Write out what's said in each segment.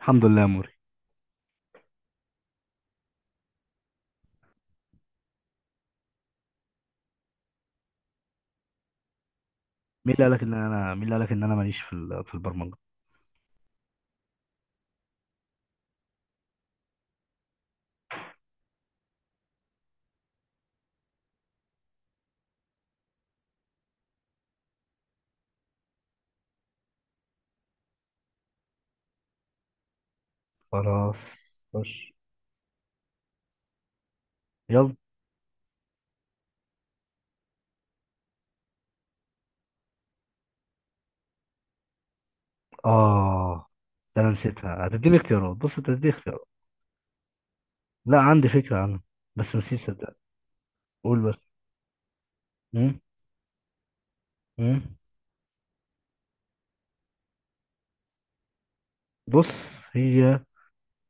الحمد لله يا موري. مين اللي قالك ان انا ماليش في في البرمجه؟ خلاص، خش، يلا. اه، ده انا نسيتها، هتديني اختيارات؟ بص، انت هتديني اختيارات. لا، عندي فكره عنها بس نسيت صدق. قول بس. مم. مم. بص، هي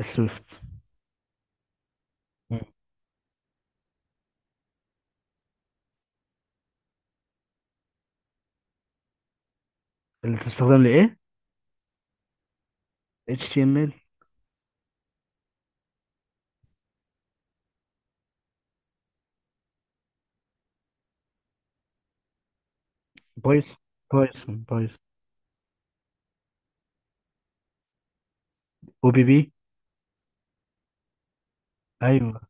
السويفت. مم. اللي تستخدم لايه؟ HTML. بايثون بايثون بايثون. او بي بي، ايوه.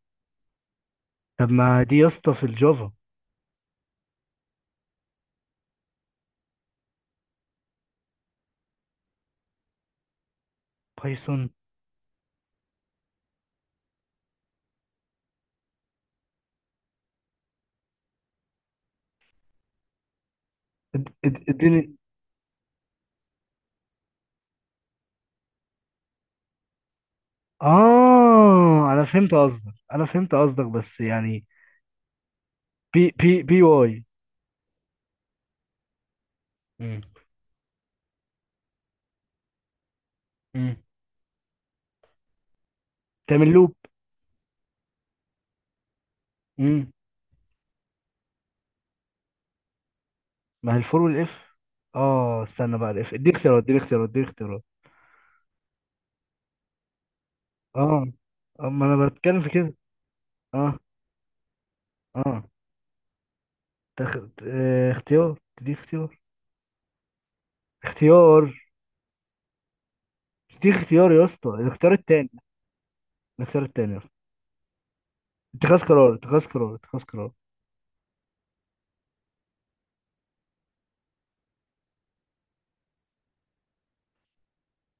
طب ما دي يا اسطى في الجافا بايثون. اديني. اه، انا فهمت قصدك، بس يعني. بي بي بي واي. امم امم، تعمل لوب. امم. ما هي الفور والاف. اه استنى بقى، الاف، اديني اختيارات اديني اختيارات اديني اختيارات. اه. اما انا بتكلم في كده. اه، اه، تخ... اه، اختيار، تدي اختيار. اختيار، تدي اختيار يا اسطى، الاختيار التاني. الاختيار التاني يا اسطى. اتخاذ قرار، اتخاذ قرار، اتخاذ قرار.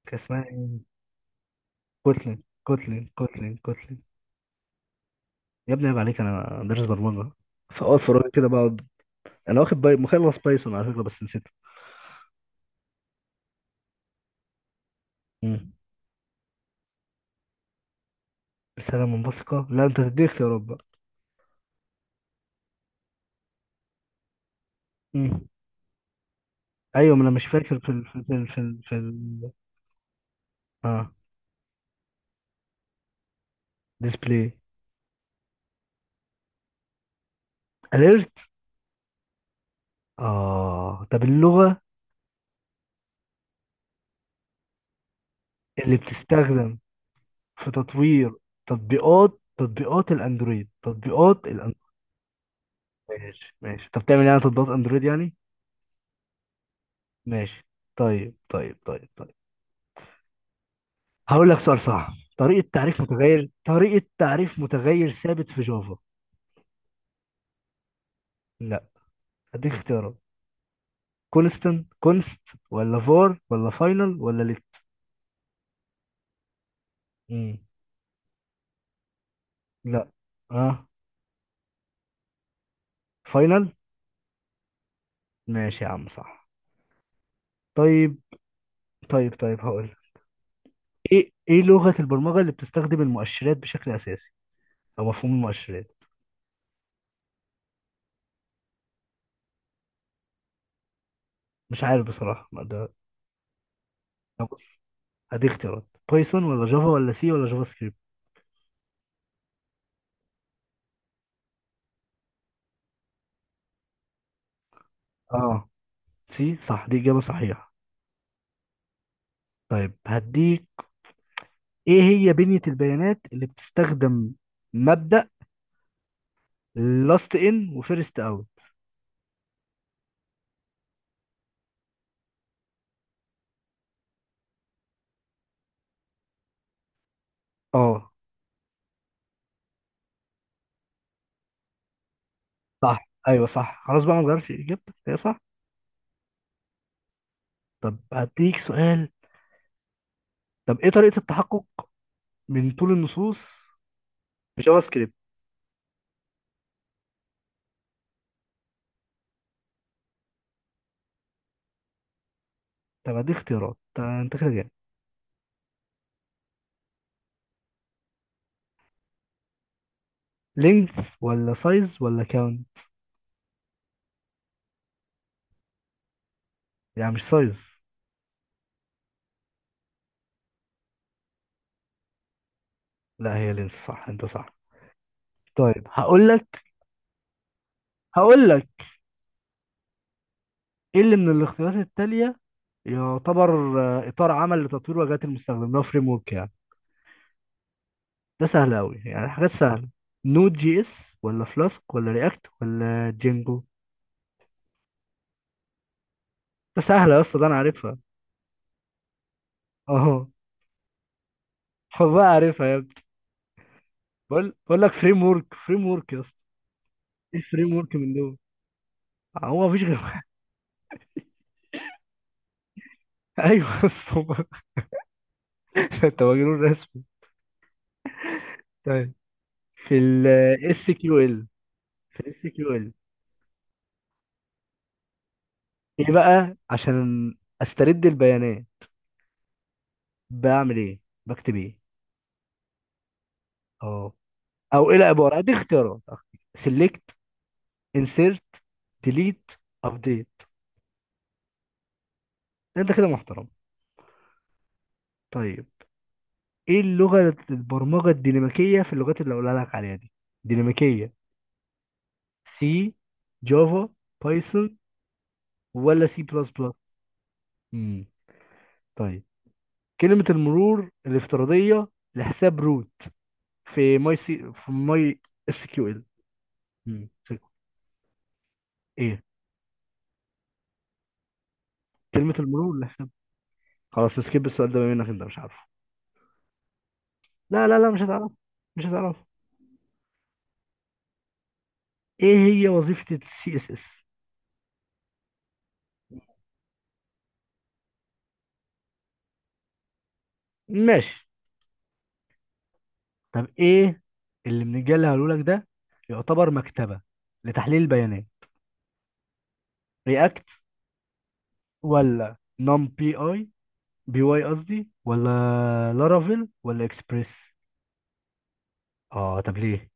كان اسمها ايه؟ كوتلين كوتلين كوتلين كوتلين. يا ابني عيب عليك، انا دارس برمجه، فاقعد في فراغي كده بقعد. مخلص بايثون على فكره بس نسيته. مم. رساله منبثقه، لا، انت تديك اختيارات بقى. مم. ايوه، ما انا مش فاكر اه، ديسبلاي. اليرت. اه، طب اللغه اللي بتستخدم في تطوير تطبيقات تطبيقات الاندرويد. تطبيقات الاندرويد. ماشي، ماشي، طب تعمل يعني تطبيقات اندرويد يعني. ماشي. طيب، طيب، طيب، طيب. هقول لك سؤال صعب. طريقة تعريف متغير، طريقة تعريف متغير ثابت في جافا. لا، اديك اختيارات. كونستنت، كونست، ولا فور، ولا فاينل، ولا ليت. مم. لا، اه، فاينل. ماشي يا عم، صح. طيب. طيب هقول لك. ايه لغة البرمجة اللي بتستخدم المؤشرات بشكل اساسي، او مفهوم المؤشرات. مش عارف بصراحة، ما ده. طب بص، هديك اختيارات. بايثون، ولا جافا، ولا سي، ولا جافا سكريبت. اه، سي صح، دي اجابة صحيحة. طيب هديك. ايه هي بنية البيانات اللي بتستخدم مبدأ لاست ان وفيرست اوت؟ اه، صح، ايوه صح، خلاص بقى، ما نغيرش اجابتك، هي صح. طب هديك سؤال. طب ايه طريقة التحقق من طول النصوص في جافا سكريبت؟ طب هديك اختيارات، طب انت كده جامد. لينث، ولا سايز، ولا كاون. يعني مش سايز؟ لا، هي لينث صح، انت صح. طيب هقول لك. هقول لك ايه اللي من الاختيارات التالية يعتبر اطار عمل لتطوير واجهات المستخدم؟ ده فريم ورك يعني، ده سهل أوي، يعني حاجات سهلة. نود جي اس، ولا فلاسك، ولا رياكت، ولا جينجو. ده سهلة يا اسطى، ده أنا عارفها. أهو. حبها، عارفها يا ابني. بقول لك فريم ورك، فريم ورك يا اسطى. إيه فريم ورك من دول؟ هو مفيش غير واحد. أيوه يا اسطى. أنت مجنون رسمي. طيب، في ال اس كيو ال في الاس كيو ال. إيه بقى عشان أسترد البيانات، بعمل إيه؟ بكتب إيه؟ أه، أو إيه العبارة؟ دي اختيارات. سيلكت، انسيرت، ديليت، ابديت. انت كده محترم. طيب، ايه اللغة البرمجة الديناميكية في اللغات اللي اقولها لك عليها دي، ديناميكية. سي، جافا، بايثون، ولا سي بلس بلس. امم. طيب. كلمة المرور الافتراضية لحساب روت في ماي سي في ماي اس كيو ال. امم. ايه؟ كلمة المرور لحساب، خلاص، نسكيب السؤال ده بما انك انت مش عارفه. لا، لا، لا، مش هتعرف، مش هتعرف. ايه هي وظيفة السي اس اس؟ ماشي. طب ايه اللي من الجيل اللي هقوله لك ده يعتبر مكتبه لتحليل البيانات؟ رياكت، ولا نم بي اي، بي واي قصدي، ولا لارافيل، ولا اكسبريس. اه، طب ليه؟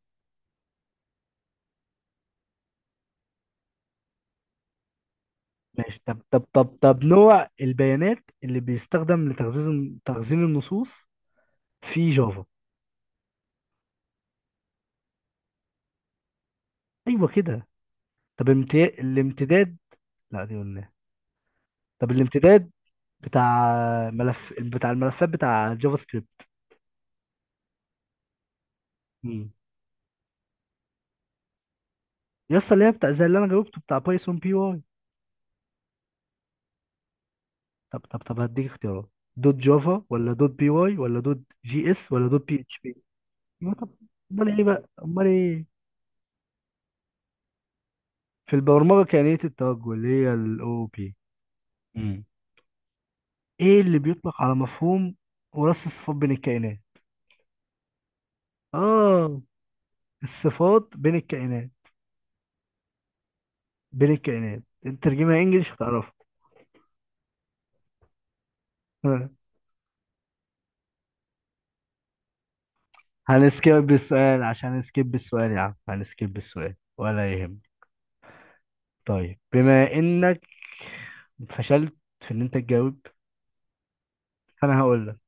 ماشي، طب نوع البيانات اللي بيستخدم لتخزين تخزين النصوص في جافا. ايوه كده. طب الامتداد. لا، دي قلناها. طب الامتداد بتاع ملف، بتاع الملفات، بتاع جافا سكريبت. مم. يا اسطى، اللي هي بتاع زي اللي انا جاوبته بتاع بايثون، بي واي. طب هديك اختيارات. دوت جافا، ولا دوت بي واي، ولا دوت جي اس، ولا دوت بي اتش بي. يبقى طب، امال ايه. في البرمجه كائنيه التوجه اللي هي الاو بي. امم. ايه اللي بيطلق على مفهوم وراث الصفات بين الكائنات؟ اه، الصفات بين الكائنات، بين الكائنات، انت ترجمها انجلش هتعرفها. ها. هنسكيب السؤال يا عم، هنسكيب السؤال ولا يهم. طيب بما انك فشلت في ان انت تجاوب، فانا هقول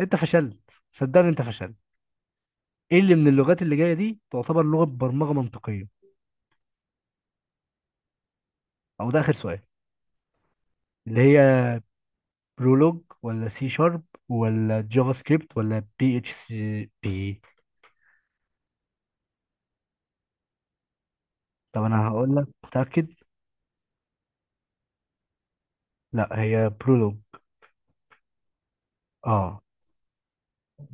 انت فشلت، صدقني انت فشلت. ايه اللي من اللغات اللي جايه دي تعتبر لغه برمجه منطقيه، او ده اخر سؤال. اللي هي برولوج، ولا سي شارب، ولا جافا سكريبت، ولا بي اتش سي بي. طب انا هقول لك، متاكد؟ لا، هي برولوج. اه،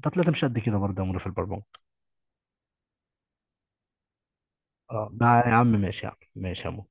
ده طلعت مش قد كده برضه يا عمرو في البرمجه. اه يا عم ماشي، يا عم ماشي، يا عم.